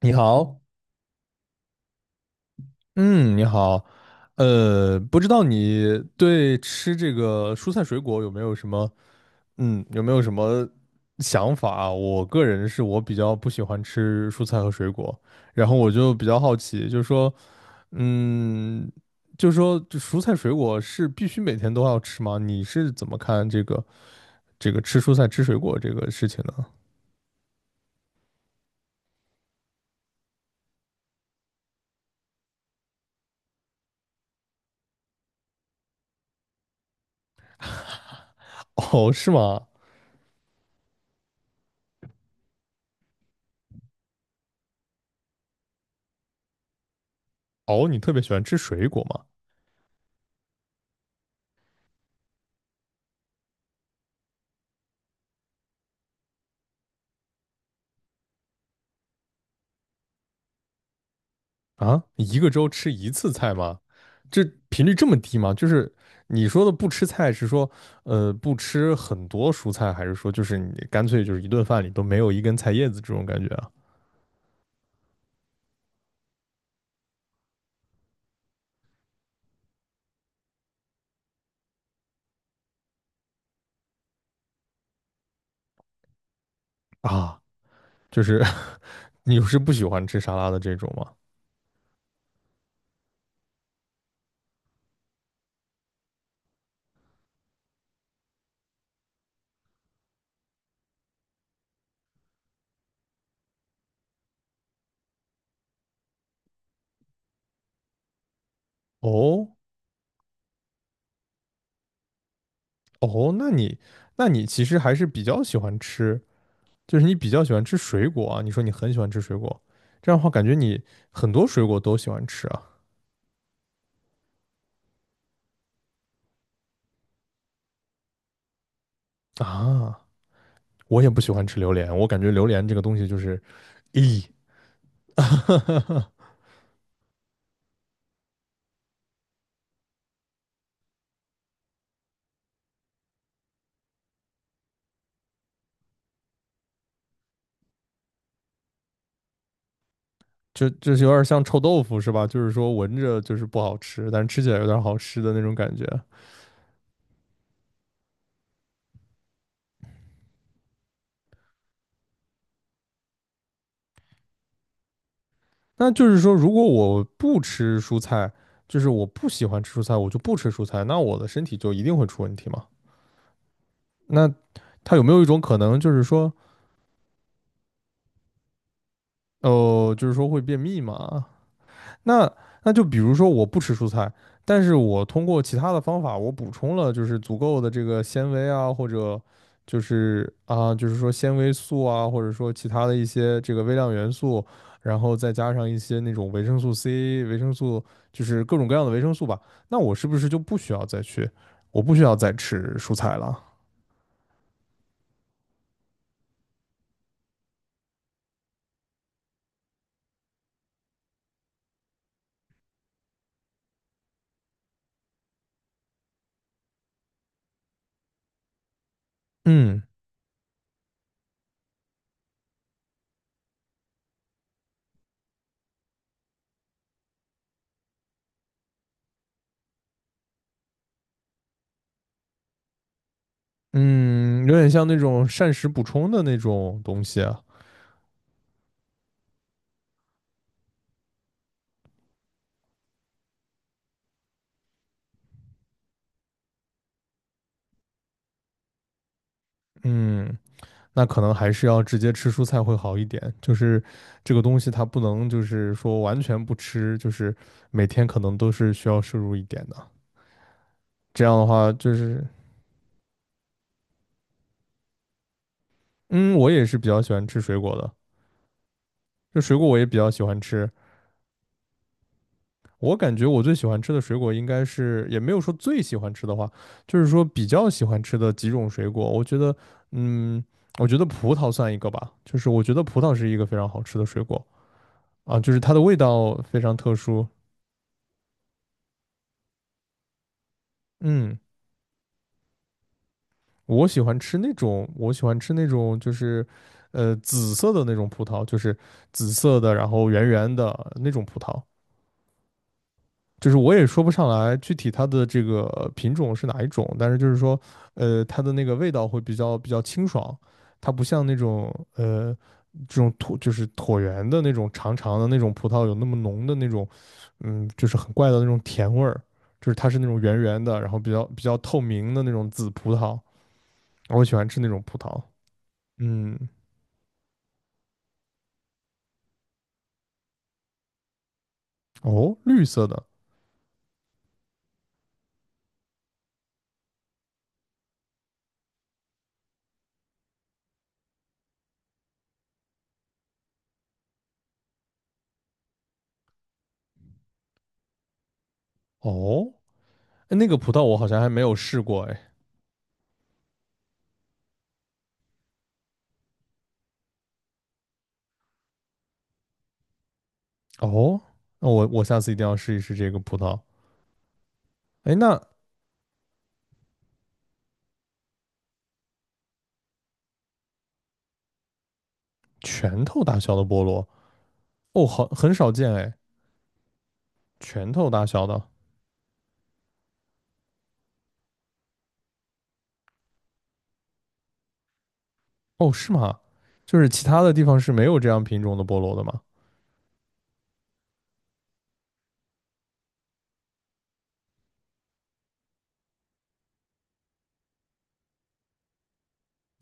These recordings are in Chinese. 你好。嗯，你好。不知道你对吃这个蔬菜水果有没有什么，嗯，有没有什么想法啊？我个人是我比较不喜欢吃蔬菜和水果，然后我就比较好奇，嗯，就是说这蔬菜水果是必须每天都要吃吗？你是怎么看这个吃蔬菜吃水果这个事情呢？哦，是吗？哦，你特别喜欢吃水果吗？啊，一个周吃一次菜吗？这频率这么低吗？就是你说的不吃菜是说，不吃很多蔬菜，还是说就是你干脆就是一顿饭里都没有一根菜叶子这种感觉啊？啊，就是 你是不喜欢吃沙拉的这种吗？哦。哦，那你那你其实还是比较喜欢吃，就是你比较喜欢吃水果啊？你说你很喜欢吃水果，这样的话感觉你很多水果都喜欢吃啊。啊，我也不喜欢吃榴莲，我感觉榴莲这个东西就是咦，就是有点像臭豆腐是吧？就是说闻着就是不好吃，但是吃起来有点好吃的那种感觉。那就是说，如果我不吃蔬菜，就是我不喜欢吃蔬菜，我就不吃蔬菜，那我的身体就一定会出问题吗？那它有没有一种可能，就是说，哦就是说会便秘嘛？那那就比如说我不吃蔬菜，但是我通过其他的方法，我补充了就是足够的这个纤维啊，或者就是说纤维素啊，或者说其他的一些这个微量元素，然后再加上一些那种维生素 C、维生素，就是各种各样的维生素吧。那我是不是就不需要再去，我不需要再吃蔬菜了？嗯嗯，有点像那种膳食补充的那种东西啊。嗯。那可能还是要直接吃蔬菜会好一点。就是这个东西它不能就是说完全不吃，就是每天可能都是需要摄入一点的。这样的话，就是嗯，我也是比较喜欢吃水果的，就水果我也比较喜欢吃。我感觉我最喜欢吃的水果应该是，也没有说最喜欢吃的话，就是说比较喜欢吃的几种水果。嗯，我觉得葡萄算一个吧，就是我觉得葡萄是一个非常好吃的水果啊，就是它的味道非常特殊。嗯。我喜欢吃那种，我喜欢吃那种，就是，紫色的那种葡萄，就是紫色的，然后圆圆的那种葡萄。就是我也说不上来具体它的这个品种是哪一种，但是就是说，它的那个味道会比较清爽，它不像那种呃这种椭就是椭圆的那种长长的那种葡萄有那么浓的那种，嗯，就是很怪的那种甜味儿，就是它是那种圆圆的，然后比较透明的那种紫葡萄，我喜欢吃那种葡萄。嗯。哦，绿色的。哦，哎那个葡萄我好像还没有试过，哎，哦，那我下次一定要试一试这个葡萄。哎，那拳头大小的菠萝？哦，好，很少见，哎，拳头大小的。哦，是吗？就是其他的地方是没有这样品种的菠萝的吗？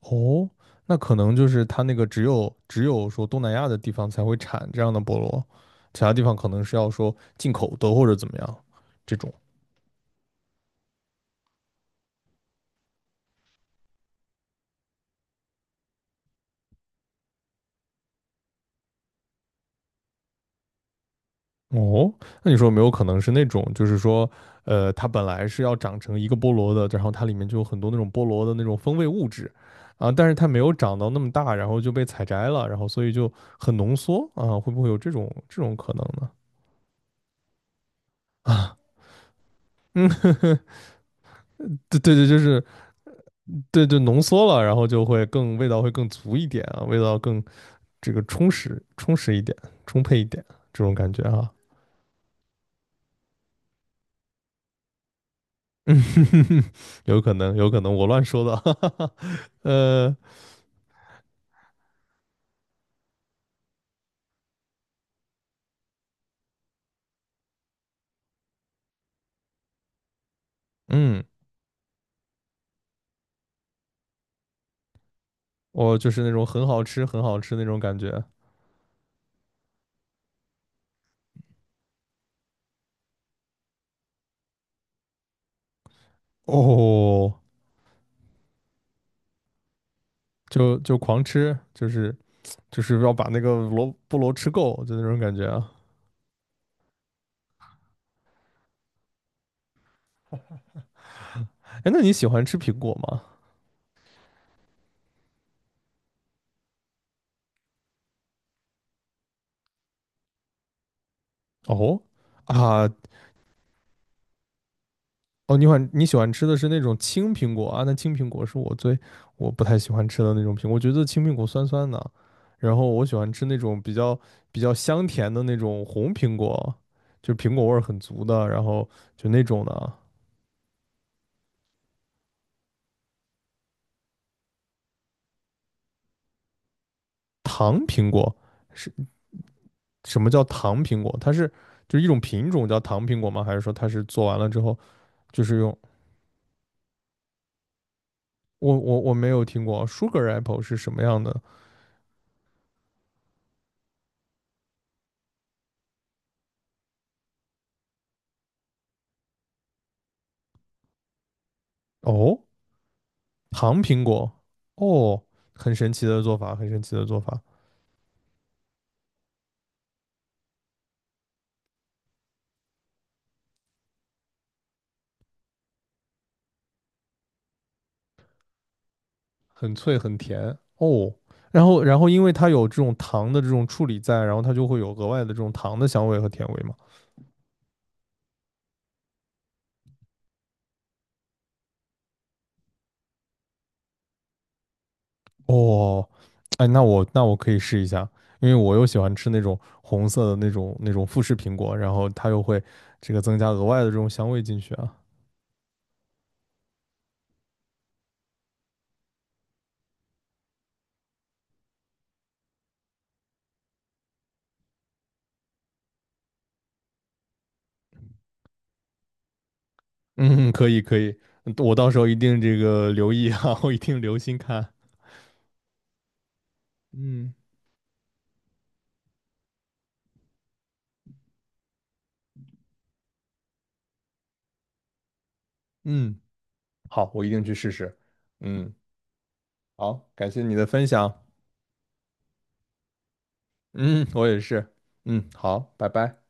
哦，那可能就是它那个只有说东南亚的地方才会产这样的菠萝，其他地方可能是要说进口的或者怎么样这种。哦，那你说有没有可能是那种，就是说，它本来是要长成一个菠萝的，然后它里面就有很多那种菠萝的那种风味物质，啊，但是它没有长到那么大，然后就被采摘了，然后所以就很浓缩啊，会不会有这种可能呢？啊。嗯。对对对，就是对对，浓缩了，然后就会更味道会更足一点啊，味道更这个充实一点，充沛一点这种感觉啊。嗯。有可能有可能，我乱说的。哈哈哈。呃。嗯，我就是那种很好吃、很好吃那种感觉。哦，就就狂吃，就是就是要把那个菠萝吃够，就那种感觉啊。哎，那你喜欢吃苹果吗？哦。啊。哦，你喜欢你喜欢吃的是那种青苹果啊？那青苹果是我最我不太喜欢吃的那种苹果，我觉得青苹果酸酸的。然后我喜欢吃那种比较香甜的那种红苹果，就苹果味儿很足的，然后就那种的啊。糖苹果。是什么叫糖苹果？它是就是一种品种叫糖苹果吗？还是说它是做完了之后就是用我没有听过 sugar apple 是什么样的。哦，糖苹果。哦，很神奇的做法，很神奇的做法。很脆很甜。哦。然后然后因为它有这种糖的这种处理在，然后它就会有额外的这种糖的香味和甜味嘛。哦，哎，那我那我可以试一下，因为我又喜欢吃那种红色的那种那种富士苹果，然后它又会这个增加额外的这种香味进去啊。嗯，可以可以。嗯我到时候一定这个留意啊，我一定留心看。嗯嗯，好，我一定去试试。嗯，好，感谢你的分享。嗯，我也是。嗯，好，拜拜。